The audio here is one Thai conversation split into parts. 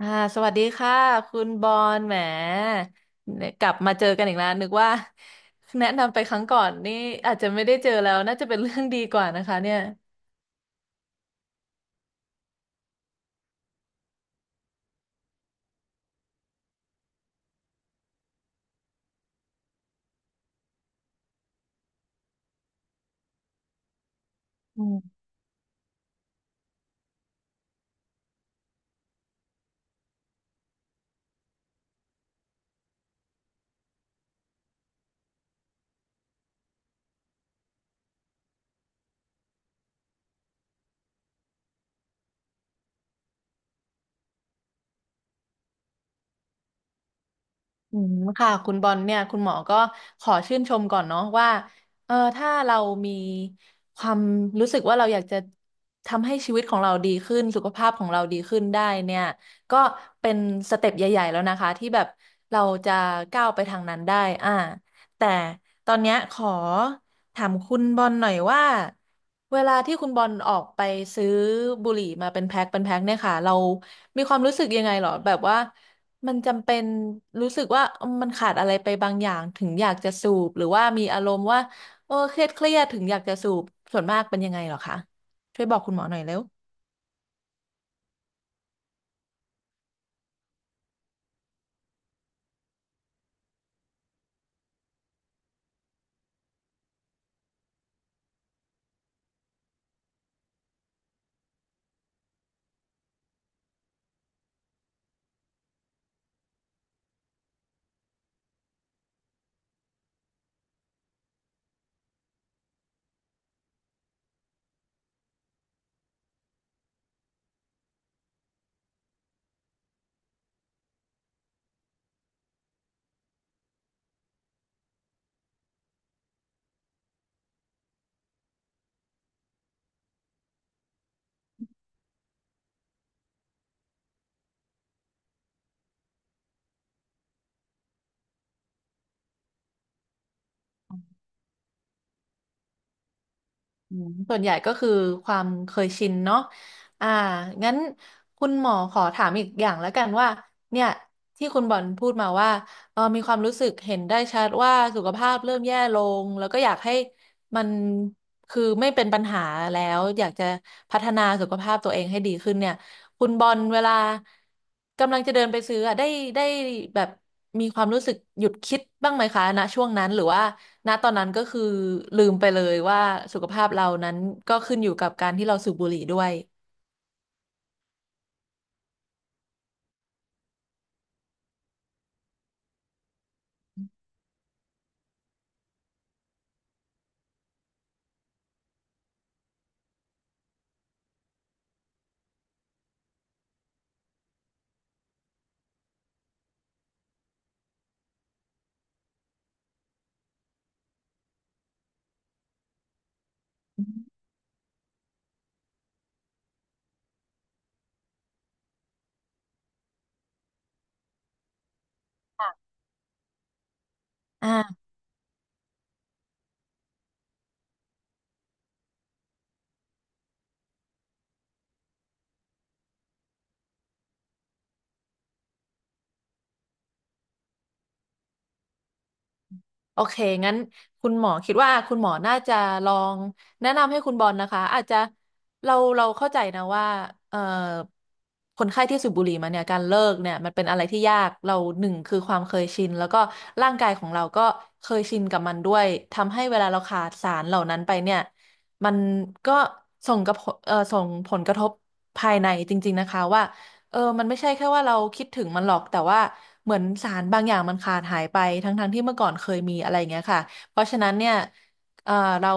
อ่าสวัสดีค่ะคุณบอลแหมเนี่ยกลับมาเจอกันอีกแล้วนึกว่า แนะนำไปครั้งก่อนนี่อาจจะไม่ได้เจอแล้วน่าจะเป็นเรื่องดีกว่านะคะเนี่ยอืม อืมค่ะคุณบอลเนี่ยคุณหมอก็ขอชื่นชมก่อนเนาะว่าเออถ้าเรามีความรู้สึกว่าเราอยากจะทำให้ชีวิตของเราดีขึ้นสุขภาพของเราดีขึ้นได้เนี่ยก็เป็นสเต็ปใหญ่ๆแล้วนะคะที่แบบเราจะก้าวไปทางนั้นได้อ่าแต่ตอนเนี้ยขอถามคุณบอลหน่อยว่าเวลาที่คุณบอลออกไปซื้อบุหรี่มาเป็นแพ็คเป็นแพ็คเนี่ยค่ะเรามีความรู้สึกยังไงหรอแบบว่า มันจำเป็นรู้สึกว่าเอิ่มมันขาดอะไรไปบางอย่างถึงอยากจะสูบหรือว่ามีอารมณ์ว่าเออเครียดถึงอยากจะสูบส่วนมากเป็นยังไงเหรอคะช่วยบอกคุณหมอหน่อยเร็ว อืมส่วนใหญ่ก็คือความเคยชินเนาะอ่า งั้นคุณหมอขอถามอีกอย่างแล้วกันว่า เนี่ยที่คุณบอลพูดมาว่าเออมีความรู้สึกเห็นได้ชัดว่าสุขภาพเริ่มแย่ลง แล้วก็อยากให้มันคือไม่เป็นปัญหาแล้วอยากจะพัฒนาสุขภาพตัวเองให้ดีขึ้นเนี่ย คุณบอลเวลากำลังจะเดินไปซื้ออะได้แบบมีความรู้สึกหยุดคิดบ้างไหมคะณช่วงนั้นหรือว่า ณตอนนั้นก็คือลืมไปเลยว่าสุขภาพเรานั้นก็ขึ้นอยู่กับการที่เราสูบบุหรี่ด้วยอ่า โอเค งั้นคุณหมอคิดว่าคุณหมอน่าจะลองแนะนำให้คุณบอลนะคะอาจจะเราเข้าใจนะว่าเอ่อคนไข้ที่สูบบุหรี่มาเนี่ยการเลิกเนี่ยมันเป็นอะไรที่ยากเราหนึ่งคือความเคยชินแล้วก็ร่างกายของเราก็เคยชินกับมันด้วยทำให้เวลาเราขาดสารเหล่านั้นไปเนี่ยมันก็ส่งกับส่งผลกระทบภายในจริงๆนะคะว่า เออมันไม่ใช่แค่ว่าเราคิดถึงมันหรอกแต่ว่าเหมือนสารบางอย่างมันขาดหายไปทั้งๆที่เมื่อก่อนเคยมีอะไรอย่างเงี้ยค่ะเพราะฉะนั้นเนี่ยเออเรา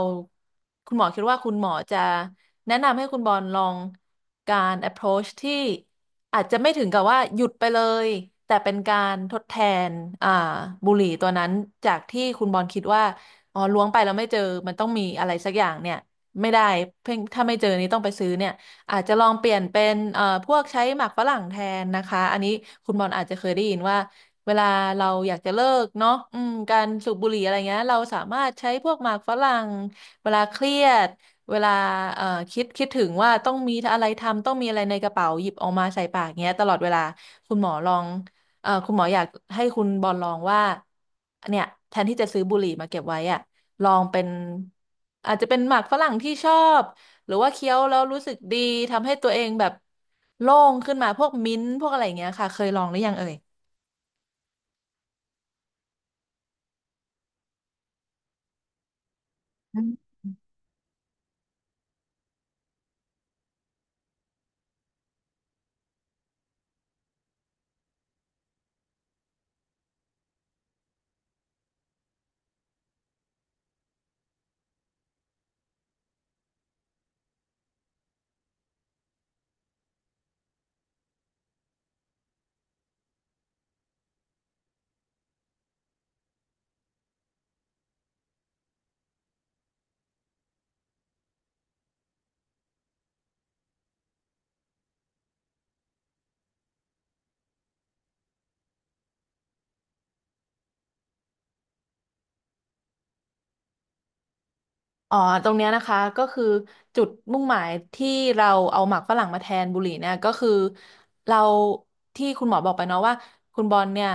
คุณหมอคิดว่าคุณหมอจะแนะนำให้คุณบอลลองการ approach ที่อาจจะไม่ถึงกับว่าหยุดไปเลยแต่เป็นการทดแทนอ่าบุหรี่ตัวนั้นจากที่คุณบอลคิดว่าอ๋อล้วงไปแล้วไม่เจอมันต้องมีอะไรสักอย่างเนี่ยไม่ได้เพิ่งถ้าไม่เจอนี่ต้องไปซื้อเนี่ย อาจจะลองเปลี่ยนเป็นพวกใช้หมากฝรั่งแทนนะคะอันนี้คุณบอลอาจจะเคยได้ยินว่าเวลาเราอยากจะเลิกเนาะอืมการสูบบุหรี่อะไรเงี้ยเราสามารถใช้พวกหมากฝรั่งเวลาเครียดเวลาเอ่อคิดถึงว่าต้องมีอะไรทำต้องมีอะไรในกระเป๋าหยิบออกมาใส่ปากเงี้ยตลอดเวลาคุณหมอลองคุณหมออยากให้คุณบอลลองว่าเนี่ยแทนที่จะซื้อบุหรี่มาเก็บไว้อะลองเป็นอาจจะเป็นหมากฝรั่งที่ชอบ หรือว่าเคี้ยวแล้วรู้สึกดีทำให้ตัวเองแบบโล่งขึ้นมาพวกมิ้นท์พวกอะไรอย่างเงี้ยค่ะเคยลองหรือยังเอ่ย อ๋อตรงเนี้ยนะคะก็คือจุดมุ่งหมายที่เราเอาหมากฝรั่งมาแทนบุหรี่เนี่ยก็คือเราที่คุณหมอบอกไปเนาะว่าคุณบอลเนี่ย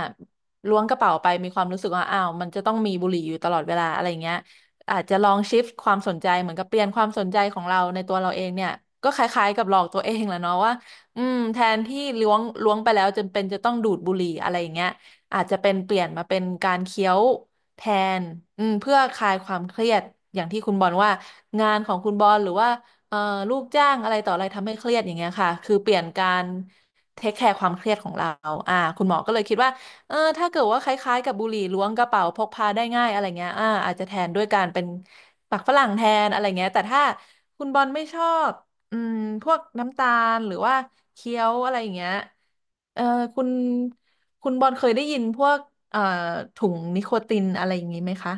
ล้วงกระเป๋าไปมีความรู้สึกว่าอ้าวมันจะต้องมีบุหรี่อยู่ตลอดเวลาอะไรเงี้ยอาจจะลองชิฟต์ความสนใจเหมือนกับเปลี่ยนความสนใจของเราในตัวเราเองเนี่ยก็คล้ายๆกับหลอกตัวเองแหละเนาะว่าอืมแทนที่ล้วงไปแล้วจนเป็นจะต้องดูดบุหรี่อะไรอย่างเงี้ยอาจจะเป็นเปลี่ยนมาเป็นการเคี้ยว แทนอืมเพื่อคลายความเครียดอย่างที่คุณบอลว่างานของคุณบอลหรือว่าเอ่อลูกจ้างอะไรต่ออะไรทำให้เครียดอย่างเงี้ยค่ะคือเปลี่ยนการเทคแคร์ความเครียดของเราคุณหมอก็เลยคิดว่าเออถ้าเกิดว่าคล้ายๆกับบุหรี่ล้วงกระเป๋าพกพาได้ง่ายอะไรเงี้ยอาจจะแทนด้วยการเป็นปักฝรั่งแทนอะไรเงี้ยแต่ถ้าคุณบอลไม่ชอบอืมพวกน้ำตาลหรือว่าเคี้ยวอะไรอย่างเงี้ย เออคุณคุณบอลเคยได้ยินพวกเอ่อถุงนิโคตินอะไรอย่างนี้ไหมคะ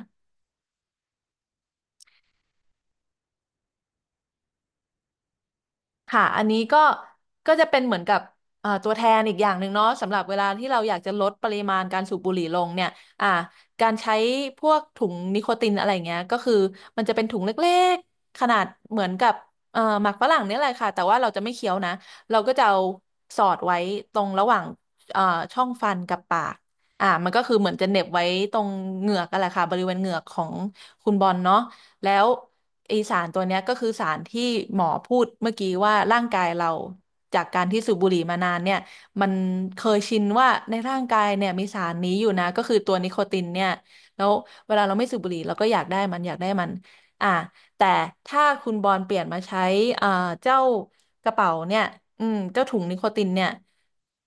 ค่ะ อันนี้ก็จะเป็นเหมือนกับตัวแทนอีกอย่างหนึ่งเนาะสำหรับเวลาที่เราอยากจะลดปริมาณการสูบบุหรี่ลงเนี่ยอ่าการใช้พวกถุงนิโคตินอะไรเงี้ยก็คือมันจะเป็นถุงเล็กๆขนาดเหมือนกับหมากฝรั่งเนี่ยแหละค่ะแต่ว่าเราจะไม่เคี้ยวนะ เราก็จะเอาสอดไว้ตรงระหว่างเอ่อช่องฟันกับปากมันก็คือเหมือนจะเหน็บไว้ตรงเหงือกกันแหละค่ะบริเวณเหงือกของคุณบอลเนาะ แล้วไอสารตัวเนี้ยก็คือสารที่หมอพูดเมื่อกี้ว่าร่างกายเราจากการที่สูบบุหรี่มานานเนี่ยมันเคยชินว่าในร่างกายเนี่ยมีสารนี้อยู่นะก็คือตัวนิโคตินเนี่ยแล้วเวลาเราไม่สูบบุหรี่เราก็อยากได้มันอยากได้มันอ่ะ แต่ถ้าคุณบอลเปลี่ยนมาใช้เอ่อเจ้ากระเป๋าเนี่ยอืมเจ้าถุงนิโคตินเนี่ย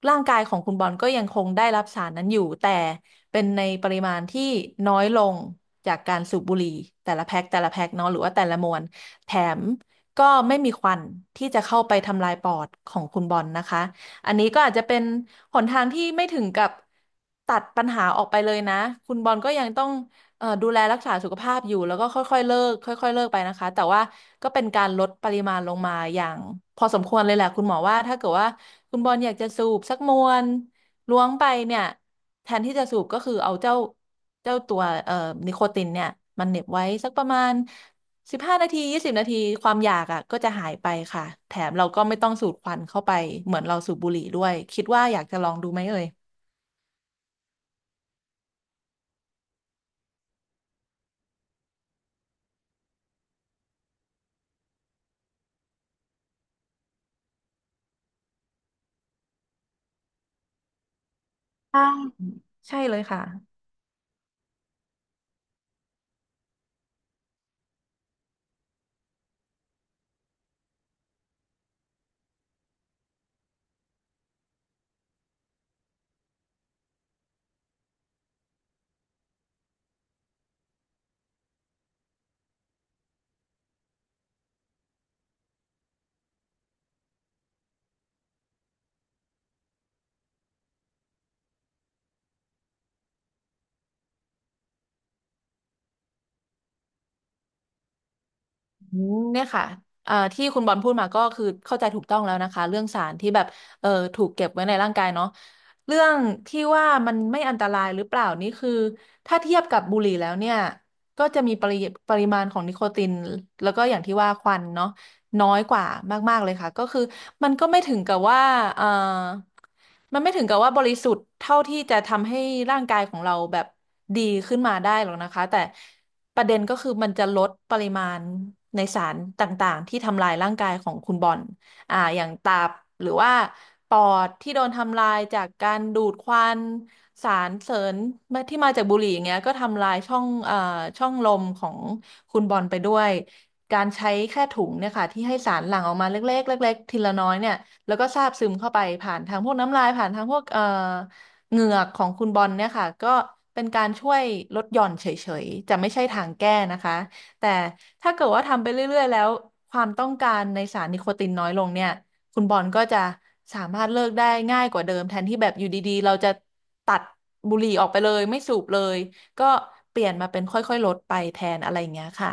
ร่างกายของคุณบอลก็ยังคงได้รับสารนั้นอยู่แต่เป็นในปริมาณที่น้อยลงจากการสูบบุหรี่แต่ละแพ็คแต่ละแพ็คเนาะหรือว่าแต่ละมวนแถมก็ไม่มีควันที่จะเข้าไปทำลายปอดของคุณบอลนะคะอันนี้ก็อาจจะเป็นหนทางที่ไม่ถึงกับตัดปัญหาออกไปเลยนะคุณบอลก็ยังต้อง ดูแลรักษาสุขภาพอยู่แล้วก็ค่อยๆเลิกค่อยๆเลิกไปนะคะแต่ว่าก็เป็นการลดปริมาณลงมาอย่างพอสมควรเลยแหละคุณหมอว่าถ้าเกิดว่าคุณบอลอยากจะสูบสักมวนล้วงไปเนี่ยแทนที่จะสูบก็คือเอาเจ้าตัวนิโคตินเนี่ยมันเหน็บไว้สักประมาณ15 นาที20 นาทีความอยากอ่ะก็จะหายไปค่ะแถมเราก็ไม่ต้องสูดควันเข้าไปเหมือนเราสูบบุหรี่ด้วยคิดว่าอยากจะลองดูไหมเอ่ยใช่ใช่เลยค่ะ เนี่ยค่ะที่คุณบอลพูดมาก็คือ เข้าใจถูกต้องแล้วนะคะ เรื่องสารที่แบบเอ่อถูกเก็บไว้ในร่างกายเนาะเรื่องที่ว่ามันไม่อันตรายหรือเปล่านี่คือถ้าเทียบกับบุหรี่แล้วเนี่ยก็จะมีปริมาณของนิโคติน แล้วก็อย่างที่ว่าควันเนาะ น้อยกว่ามากๆเลยค่ะก็คือมันก็ไม่ถึงกับว่าเออมันไม่ถึงกับว่าบริสุทธิ์เท่าที่จะทำให้ร่างกายของเราแบบดีขึ้นมาได้หรอกนะคะแต่ประเด็นก็คือมันจะลดปริมาณในสารต่างๆที่ทำลายร่างกายของคุณบอลอย่างตับหรือว่าปอดที่โดนทำลายจากการดูดควันสารเสริญที่มาจากบุหรี่อย่างเงี้ยก็ทำลายช่องช่องลมของ คุณบอลไปด้วยการใช้แค่ถุงเนี่ยค่ะที่ให้สารหลั่งออกมาเล็กๆเล็กๆทีละน้อยเนี่ยแล้วก็ซาบซึมเข้าไปผ่านทางพวกน้ำลายผ่านทางพวกเหงือกของคุณบอลเนี่ยค่ะก็เป็นการช่วยลดหย่อนเฉยๆจะไม่ใช่ทางแก้นะคะแต่ถ้าเกิดว่าทำไปเรื่อยๆแล้วความต้องการในสารนิโคตินน้อยลงเนี่ยคุณบอลก็จะสามารถเลิกได้ง่ายกว่าเดิมแทนที่แบบอยู่ดีๆเราจะตัดบุหรี่ออกไปเลยไม่สูบเลย ก็เปลี่ยนมาเป็นค่อยๆลดไปแทนอะไรอย่างเงี้ยค่ะ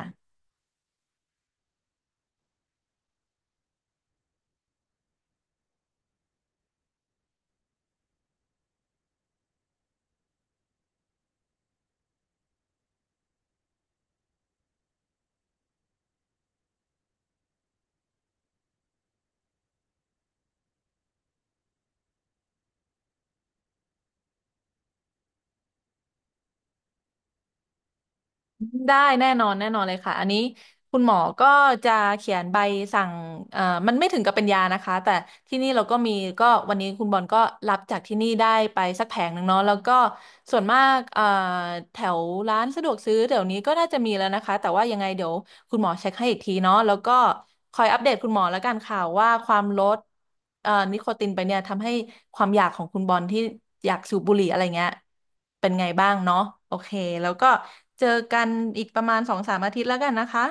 ได้แน่นอนแน่นอนเลยค่ะอันนี้คุณหมอก็จะเขียนใบสั่งเอ่อมันไม่ถึงกับเป็นยานะคะแต่ที่นี่เราก็มีก็วันนี้คุณบอลก็รับจากที่นี่ได้ไปสักแผงหนึ่งเนาะแล้วก็ส่วนมากแถวร้านสะดวกซื้อเดี๋ยวนี้ก็น่าจะมีแล้วนะคะแต่ว่ายังไงเดี๋ยวคุณหมอเช็คให้อีกทีเนาะแล้วก็คอยอัปเดตคุณหมอแล้วกันค่ะว่าความลดนิโคตินไปเนี่ยทำให้ความอยากของคุณบอลที่อยากสูบบุหรี่อะไรเงี้ย เป็นไงบ้างเนาะโอเคแล้วก็เจอกันอีกประมาณสองสามอาทิตย์แล้วกันนะคะ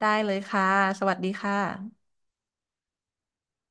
ได้เลยค่ะสวัสดีค่ะ